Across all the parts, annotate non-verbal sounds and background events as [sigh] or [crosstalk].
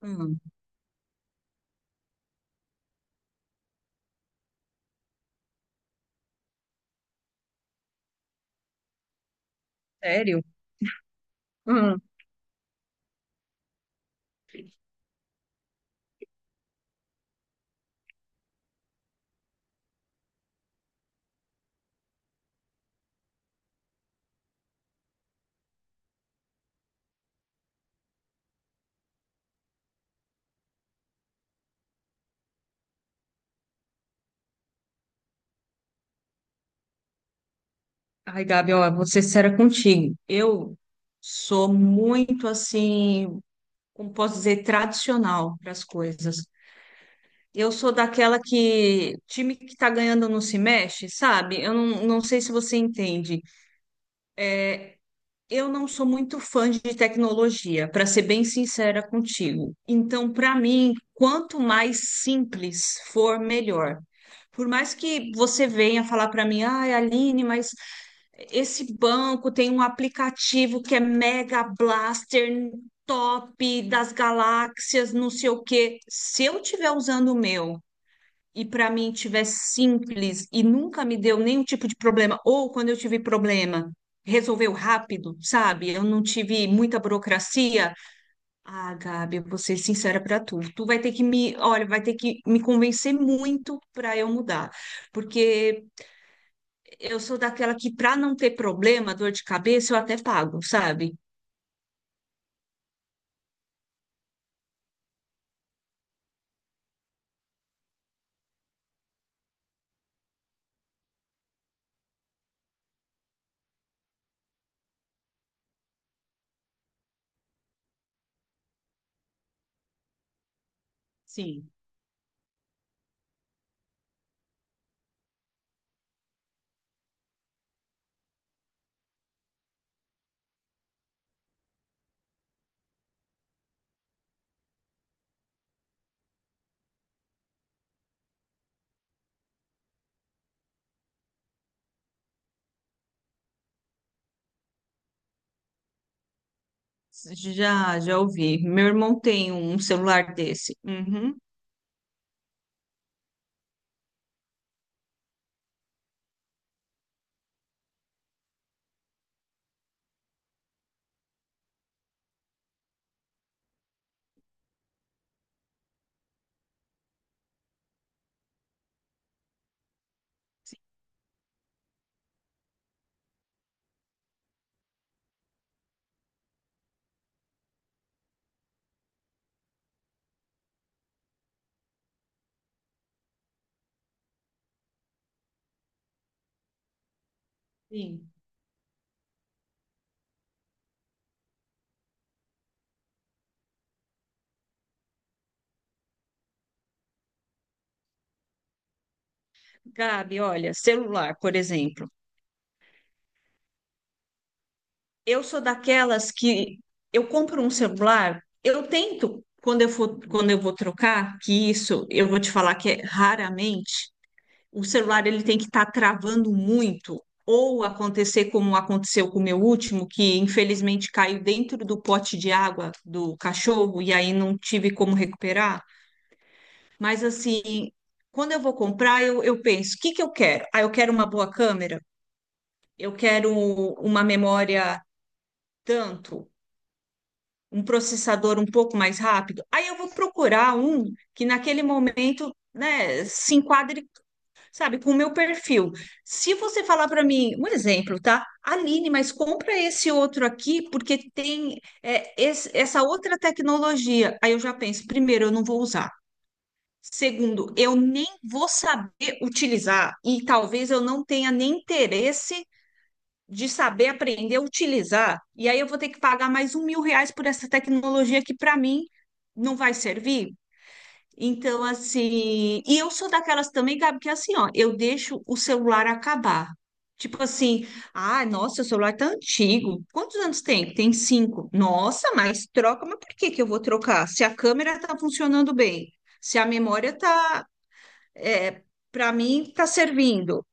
Hum, sério? Hum. Ai, Gabi, ó, vou ser sincera contigo. Eu sou muito assim, como posso dizer, tradicional para as coisas. Eu sou daquela que time que tá ganhando não se mexe, sabe? Eu não, sei se você entende. Eu não sou muito fã de tecnologia, para ser bem sincera contigo. Então, para mim, quanto mais simples for, melhor. Por mais que você venha falar para mim, ai, Aline, mas esse banco tem um aplicativo que é Mega Blaster top das galáxias, não sei o quê. Se eu tiver usando o meu e para mim tiver simples e nunca me deu nenhum tipo de problema, ou quando eu tive problema, resolveu rápido, sabe? Eu não tive muita burocracia. Ah, Gabi, eu vou ser sincera para tu. Tu vai ter que me, olha, vai ter que me convencer muito para eu mudar, porque eu sou daquela que, para não ter problema, dor de cabeça, eu até pago, sabe? Sim, já, já ouvi. Meu irmão tem um celular desse. Uhum. Sim. Gabi, olha, celular, por exemplo. Eu sou daquelas que eu compro um celular, eu tento, quando eu for, quando eu vou trocar, que isso eu vou te falar que é raramente, o celular ele tem que estar travando muito, ou acontecer como aconteceu com o meu último, que infelizmente caiu dentro do pote de água do cachorro e aí não tive como recuperar. Mas assim, quando eu vou comprar, eu penso, o que que eu quero? Ah, eu quero uma boa câmera, eu quero uma memória tanto, um processador um pouco mais rápido. Aí eu vou procurar um que naquele momento, né, se enquadre sabe, com o meu perfil. Se você falar para mim, um exemplo, tá? Aline, mas compra esse outro aqui porque tem é, essa outra tecnologia. Aí eu já penso, primeiro, eu não vou usar. Segundo, eu nem vou saber utilizar e talvez eu não tenha nem interesse de saber aprender a utilizar. E aí eu vou ter que pagar mais um 1.000 reais por essa tecnologia que para mim não vai servir. Então, assim, e eu sou daquelas também, Gabi, que é assim, ó, eu deixo o celular acabar. Tipo assim, ah, nossa, o celular tá antigo. Quantos anos tem? Tem 5. Nossa, mas troca, mas por que que eu vou trocar? Se a câmera tá funcionando bem, se a memória tá, é, para mim, tá servindo.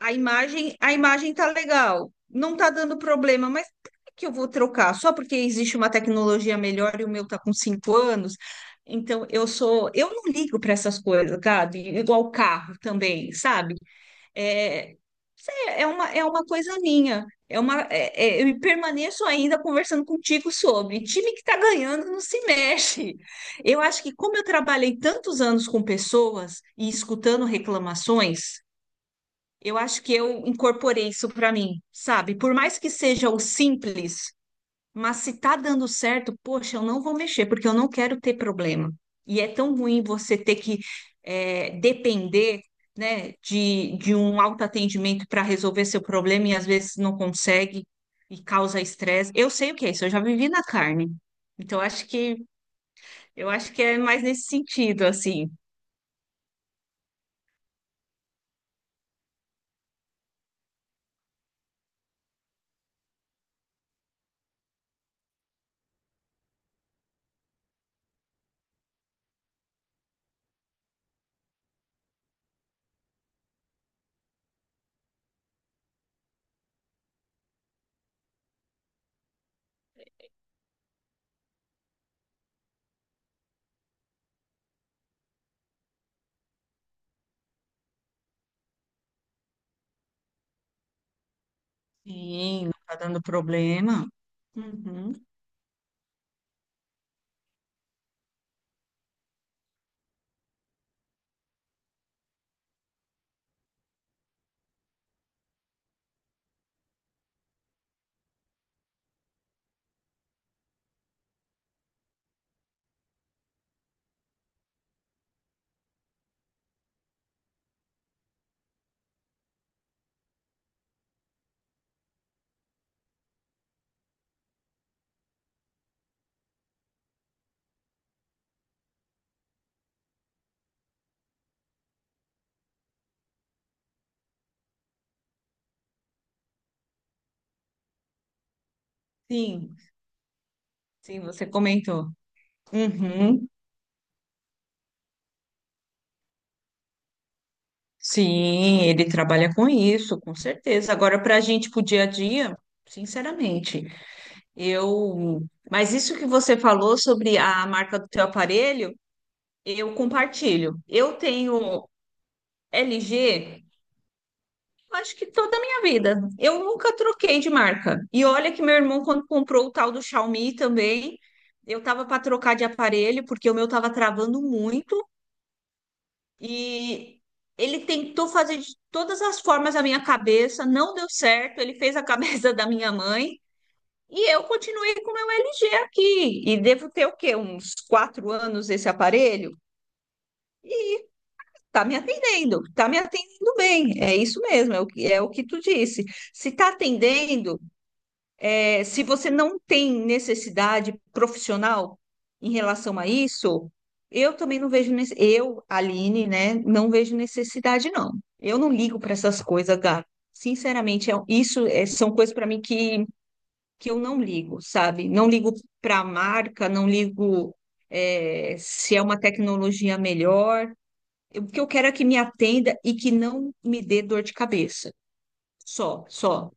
A imagem tá legal, não tá dando problema, mas por que que eu vou trocar? Só porque existe uma tecnologia melhor e o meu tá com 5 anos? Então eu sou, eu não ligo para essas coisas, Gabi, igual carro também, sabe? É, sei, é uma coisa minha. Eu permaneço ainda conversando contigo sobre time que tá ganhando não se mexe. Eu acho que como eu trabalhei tantos anos com pessoas e escutando reclamações eu acho que eu incorporei isso para mim, sabe? Por mais que seja o simples, mas se tá dando certo, poxa, eu não vou mexer, porque eu não quero ter problema. E é tão ruim você ter que é, depender, né, de um autoatendimento para resolver seu problema e às vezes não consegue e causa estresse. Eu sei o que é isso, eu já vivi na carne. Então acho que eu acho que é mais nesse sentido, assim. Sim, não tá dando problema. Uhum. Sim. Sim, você comentou. Uhum. Sim, ele trabalha com isso, com certeza. Agora, para a gente, para o dia a dia, sinceramente, eu. Mas isso que você falou sobre a marca do teu aparelho, eu compartilho. Eu tenho LG, acho que toda a minha vida. Eu nunca troquei de marca. E olha que meu irmão, quando comprou o tal do Xiaomi também, eu estava para trocar de aparelho, porque o meu estava travando muito. E ele tentou fazer de todas as formas a minha cabeça, não deu certo. Ele fez a cabeça [laughs] da minha mãe e eu continuei com o meu LG aqui. E devo ter o quê? Uns 4 anos esse aparelho? Tá me atendendo bem. É isso mesmo, é o que tu disse. Se tá atendendo, é, se você não tem necessidade profissional em relação a isso, eu também não vejo, eu, Aline, né, não vejo necessidade, não. Eu não ligo para essas coisas, Gato. Sinceramente, isso são coisas para mim que eu não ligo, sabe? Não ligo para a marca, não ligo é, se é uma tecnologia melhor. O que eu quero é que me atenda e que não me dê dor de cabeça. Só, só.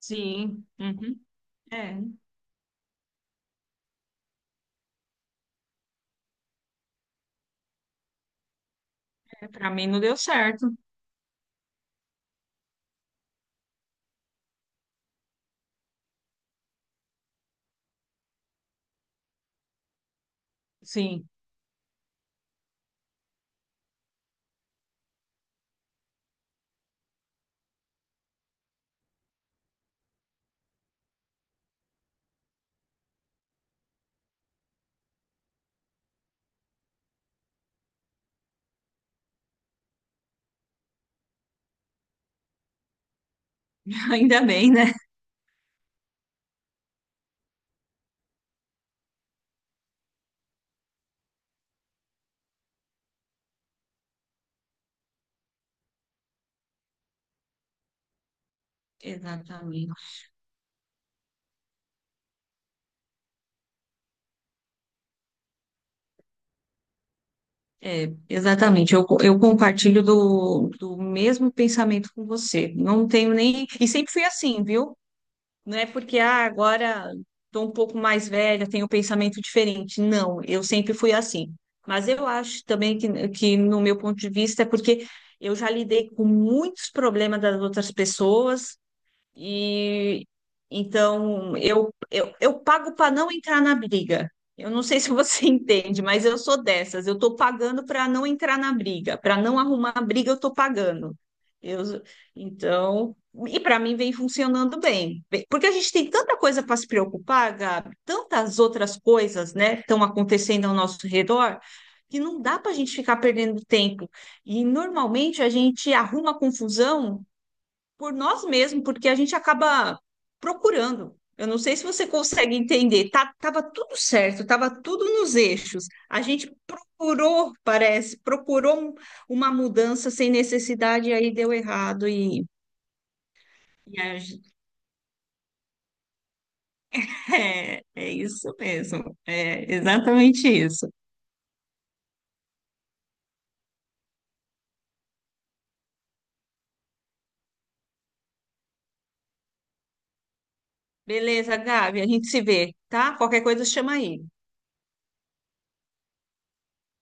Sim. Uhum. É. É, pra mim não deu certo. Sim, [laughs] ainda bem, né? Exatamente. É, exatamente. Eu compartilho do mesmo pensamento com você. Não tenho nem. E sempre fui assim, viu? Não é porque ah, agora estou um pouco mais velha, tenho um pensamento diferente. Não, eu sempre fui assim. Mas eu acho também que no meu ponto de vista, é porque eu já lidei com muitos problemas das outras pessoas e então eu pago para não entrar na briga. Eu não sei [laughs] se você entende, mas eu sou dessas. Eu estou pagando para não entrar na briga, para não arrumar a briga, eu estou pagando. Eu, então, e para mim vem funcionando bem. Bem, porque a gente tem tanta coisa para se preocupar, Gabi, tantas outras coisas, né, estão acontecendo ao nosso redor, que não dá para a gente ficar perdendo tempo. E normalmente a gente arruma confusão por nós mesmos, porque a gente acaba procurando. Eu não sei se você consegue entender. Tá, tava tudo certo, tava tudo nos eixos. A gente procurou, parece, uma mudança sem necessidade e aí deu errado e [laughs] é, é isso mesmo. É exatamente isso. Beleza, Gabi, a gente se vê, tá? Qualquer coisa chama aí.